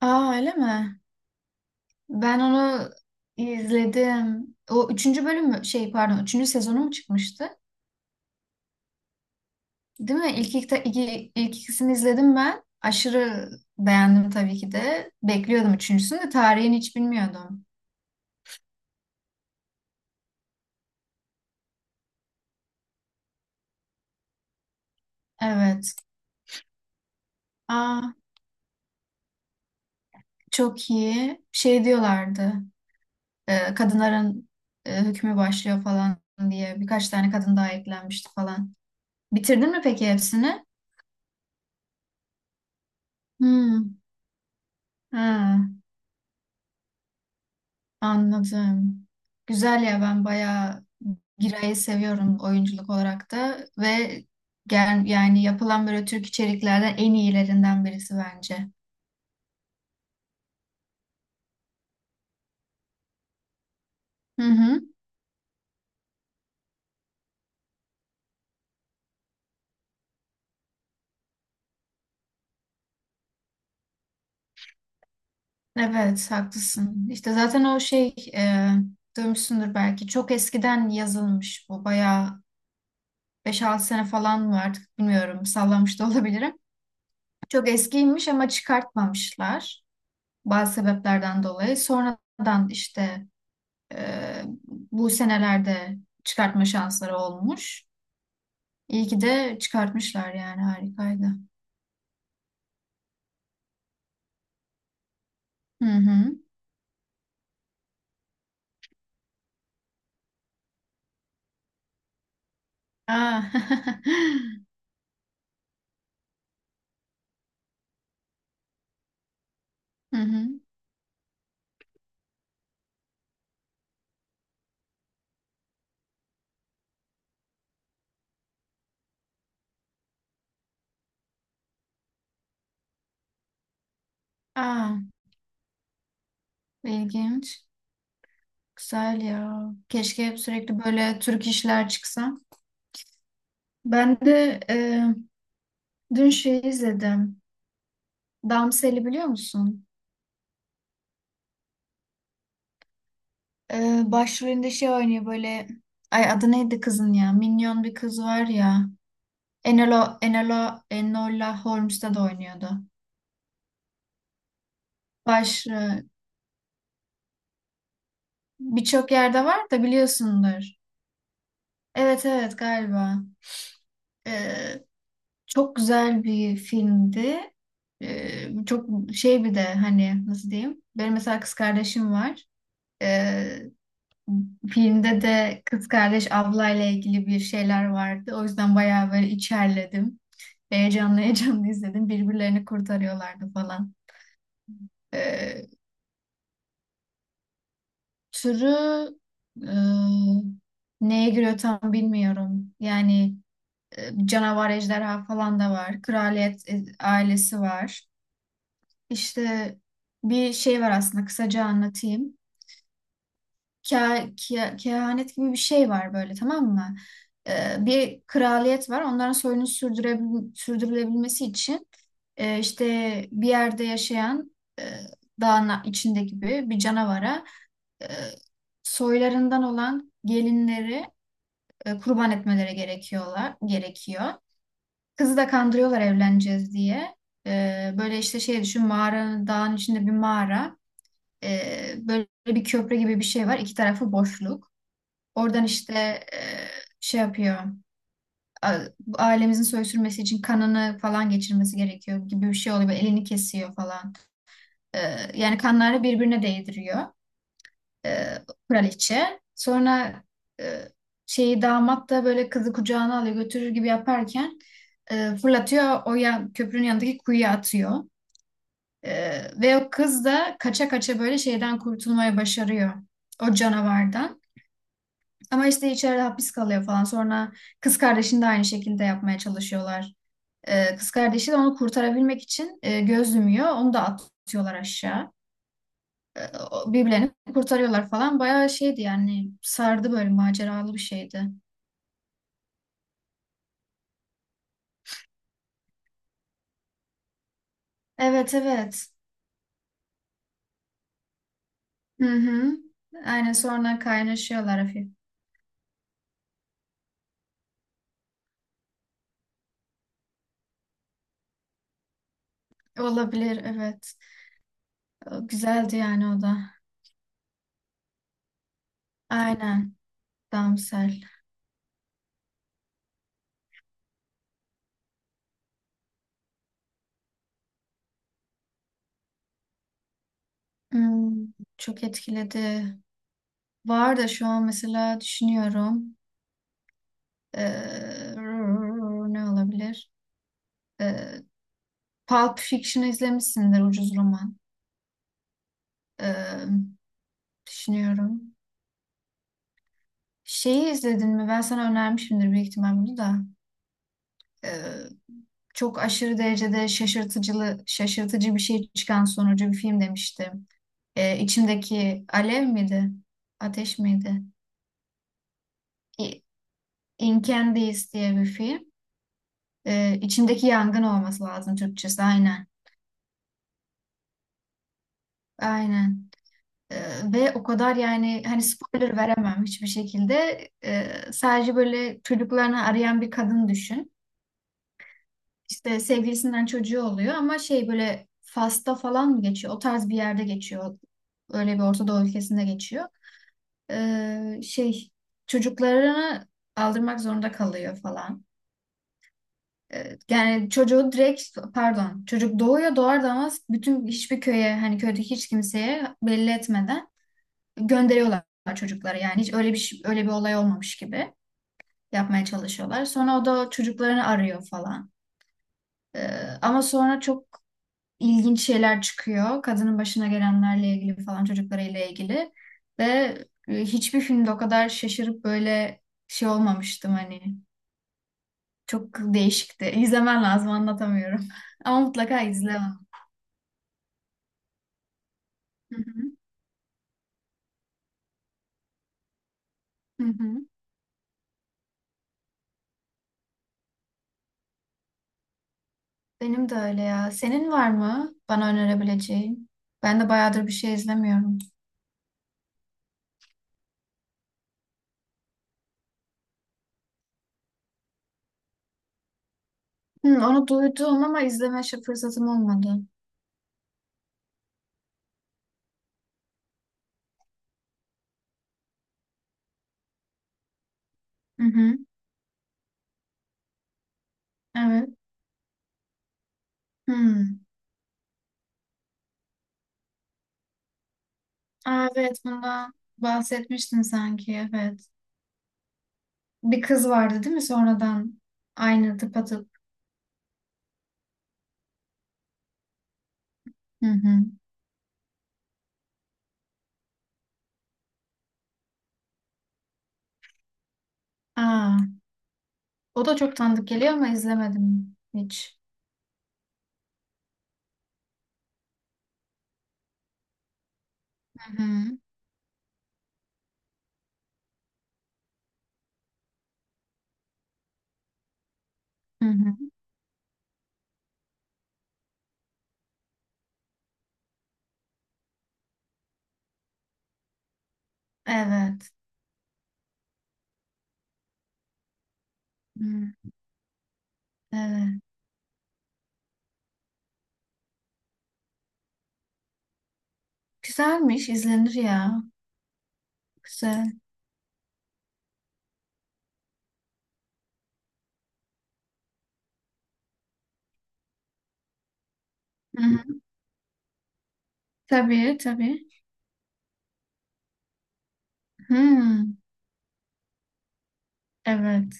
Aa öyle mi? Ben onu izledim. O üçüncü bölüm mü? Şey pardon üçüncü sezonu mu çıkmıştı? Değil mi? İlk ikisini izledim ben. Aşırı beğendim tabii ki de. Bekliyordum üçüncüsünü de tarihini hiç bilmiyordum. Evet. Aa çok iyi. Şey diyorlardı. Kadınların hükmü başlıyor falan diye. Birkaç tane kadın daha eklenmişti falan. Bitirdin mi peki hepsini? Hmm. Ha. Anladım. Güzel ya ben bayağı Giray'ı seviyorum oyunculuk olarak da ve gel, yani yapılan böyle Türk içeriklerden en iyilerinden birisi bence. Hı hı. Evet haklısın. İşte zaten o şey duymuşsundur belki çok eskiden yazılmış bu bayağı beş altı sene falan mı artık bilmiyorum sallamış da olabilirim. Çok eskiymiş ama çıkartmamışlar bazı sebeplerden dolayı. Sonradan işte Ee, bu senelerde çıkartma şansları olmuş. İyi ki de çıkartmışlar yani harikaydı. Hı hı. Aa. Hı hı. Aa, ilginç. Güzel ya. Keşke hep sürekli böyle Türk işler çıksa. Ben de dün şey izledim. Damsel'i biliyor musun? Başrolünde şey oynuyor böyle. Ay adı neydi kızın ya? Minyon bir kız var ya. Enola, Enola, Enola Holmes'te de oynuyordu. Başlığı birçok yerde var da biliyorsundur. Evet evet galiba. Ee, Çok güzel bir filmdi. Çok şey bir de hani nasıl diyeyim? Benim mesela kız kardeşim var. Ee, Filmde de kız kardeş ablayla ilgili bir şeyler vardı. O yüzden bayağı böyle içerledim. Heyecanlı heyecanlı izledim. Birbirlerini kurtarıyorlardı falan. Ee, Türü e, neye giriyor tam bilmiyorum. Yani canavar ejderha falan da var. Kraliyet ailesi var. İşte bir şey var aslında kısaca anlatayım. Kehanet gibi bir şey var böyle tamam mı? E, bir kraliyet var. Onların soyunu sürdürülebilmesi için işte bir yerde yaşayan e, dağın içinde gibi bir canavara e, soylarından olan gelinleri kurban etmeleri gerekiyor. Kızı da kandırıyorlar evleneceğiz diye. Böyle işte şey düşün dağın içinde bir mağara. Böyle bir köprü gibi bir şey var. İki tarafı boşluk. Oradan işte e, şey yapıyor. a- Ailemizin soy sürmesi için kanını falan geçirmesi gerekiyor gibi bir şey oluyor. Böyle elini kesiyor falan. Ee, Yani kanları birbirine değdiriyor e, kraliçe. Sonra e, şeyi damat da böyle kızı kucağına alıyor götürür gibi yaparken fırlatıyor köprünün yanındaki kuyuya atıyor. Ve o kız da kaça kaça böyle şeyden kurtulmaya başarıyor o canavardan. Ama işte içeride hapis kalıyor falan. Sonra kız kardeşini de aynı şekilde yapmaya çalışıyorlar. E, kız kardeşi de onu kurtarabilmek için göz yumuyor. Onu da atıyorlar aşağı birbirlerini kurtarıyorlar falan. Bayağı şeydi yani sardı böyle maceralı bir şeydi. Evet evet. Hı hı. Aynen sonra kaynaşıyorlar hafif. Olabilir evet. O güzeldi yani o da. Aynen. Damsel. Hmm, çok etkiledi. Var da şu an mesela düşünüyorum. Ee, Ne olabilir? Ee, Pulp Fiction izlemişsindir ucuz roman. Ee, Düşünüyorum. Şeyi izledin mi? Ben sana önermişimdir büyük ihtimal bunu da. Ee, Çok aşırı derecede şaşırtıcı bir şey çıkan sonucu bir film demiştim. İçimdeki alev miydi? Ateş miydi? İ- In diye bir film. İçimdeki yangın olması lazım Türkçesi. Aynen. Aynen. Ve o kadar yani hani spoiler veremem hiçbir şekilde. Sadece böyle çocuklarını arayan bir kadın düşün. İşte sevgilisinden çocuğu oluyor ama şey böyle Fas'ta falan mı geçiyor? O tarz bir yerde geçiyor. Öyle bir Orta Doğu ülkesinde geçiyor. Şey çocuklarını aldırmak zorunda kalıyor falan. Yani çocuğu direkt pardon çocuk doğuyor doğar doğmaz bütün hiçbir köye hani köydeki hiç kimseye belli etmeden gönderiyorlar çocukları. Yani hiç öyle bir olay olmamış gibi yapmaya çalışıyorlar. Sonra o da çocuklarını arıyor falan. Ee, Ama sonra çok ilginç şeyler çıkıyor. Kadının başına gelenlerle ilgili falan çocuklarıyla ilgili. Ve hiçbir filmde o kadar şaşırıp böyle şey olmamıştım hani. Çok değişikti. İzlemen lazım anlatamıyorum. Ama mutlaka izle onu. Hı hı, hı hı. Benim de öyle ya. Senin var mı bana önerebileceğin? Ben de bayağıdır bir şey izlemiyorum. Hı, onu duydum ama fırsatım olmadı. Hı hı, evet. Hı. Aa, evet bundan bahsetmiştin sanki evet. Bir kız vardı değil mi sonradan? Aynı tıpatıp. Hı hı. Aa, o da çok tanıdık geliyor ama izlemedim hiç. Hı hı. Hı hı. Evet. Hı, evet. Güzelmiş, izlenir ya. Güzel. Hı hı. Tabii, tabii. Hı, evet.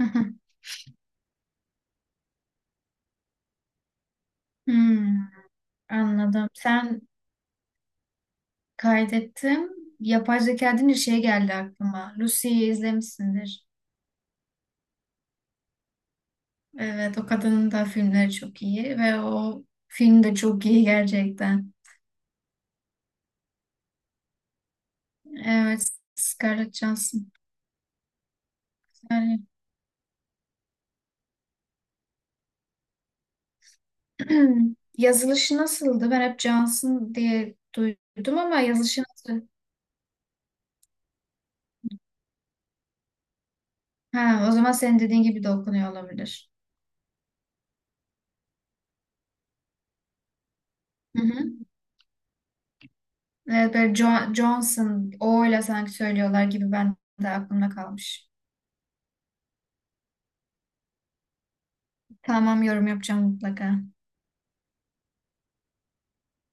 Hı hı. Hı, anladım. Sen kaydettim. Yapay zeka deyince şey geldi aklıma. Lucy'yi izlemişsindir. Evet, o kadının da filmleri çok iyi ve o film de çok iyi gerçekten. Evet, Scarlett Johansson. Yani yazılışı nasıldı? Ben hep Johnson diye duydum ama yazılışı nasıl? Ha, o zaman senin dediğin gibi de okunuyor olabilir. Hı hı. Evet, böyle Johnson, O ile sanki söylüyorlar gibi ben de aklımda kalmış. Tamam, yorum yapacağım mutlaka.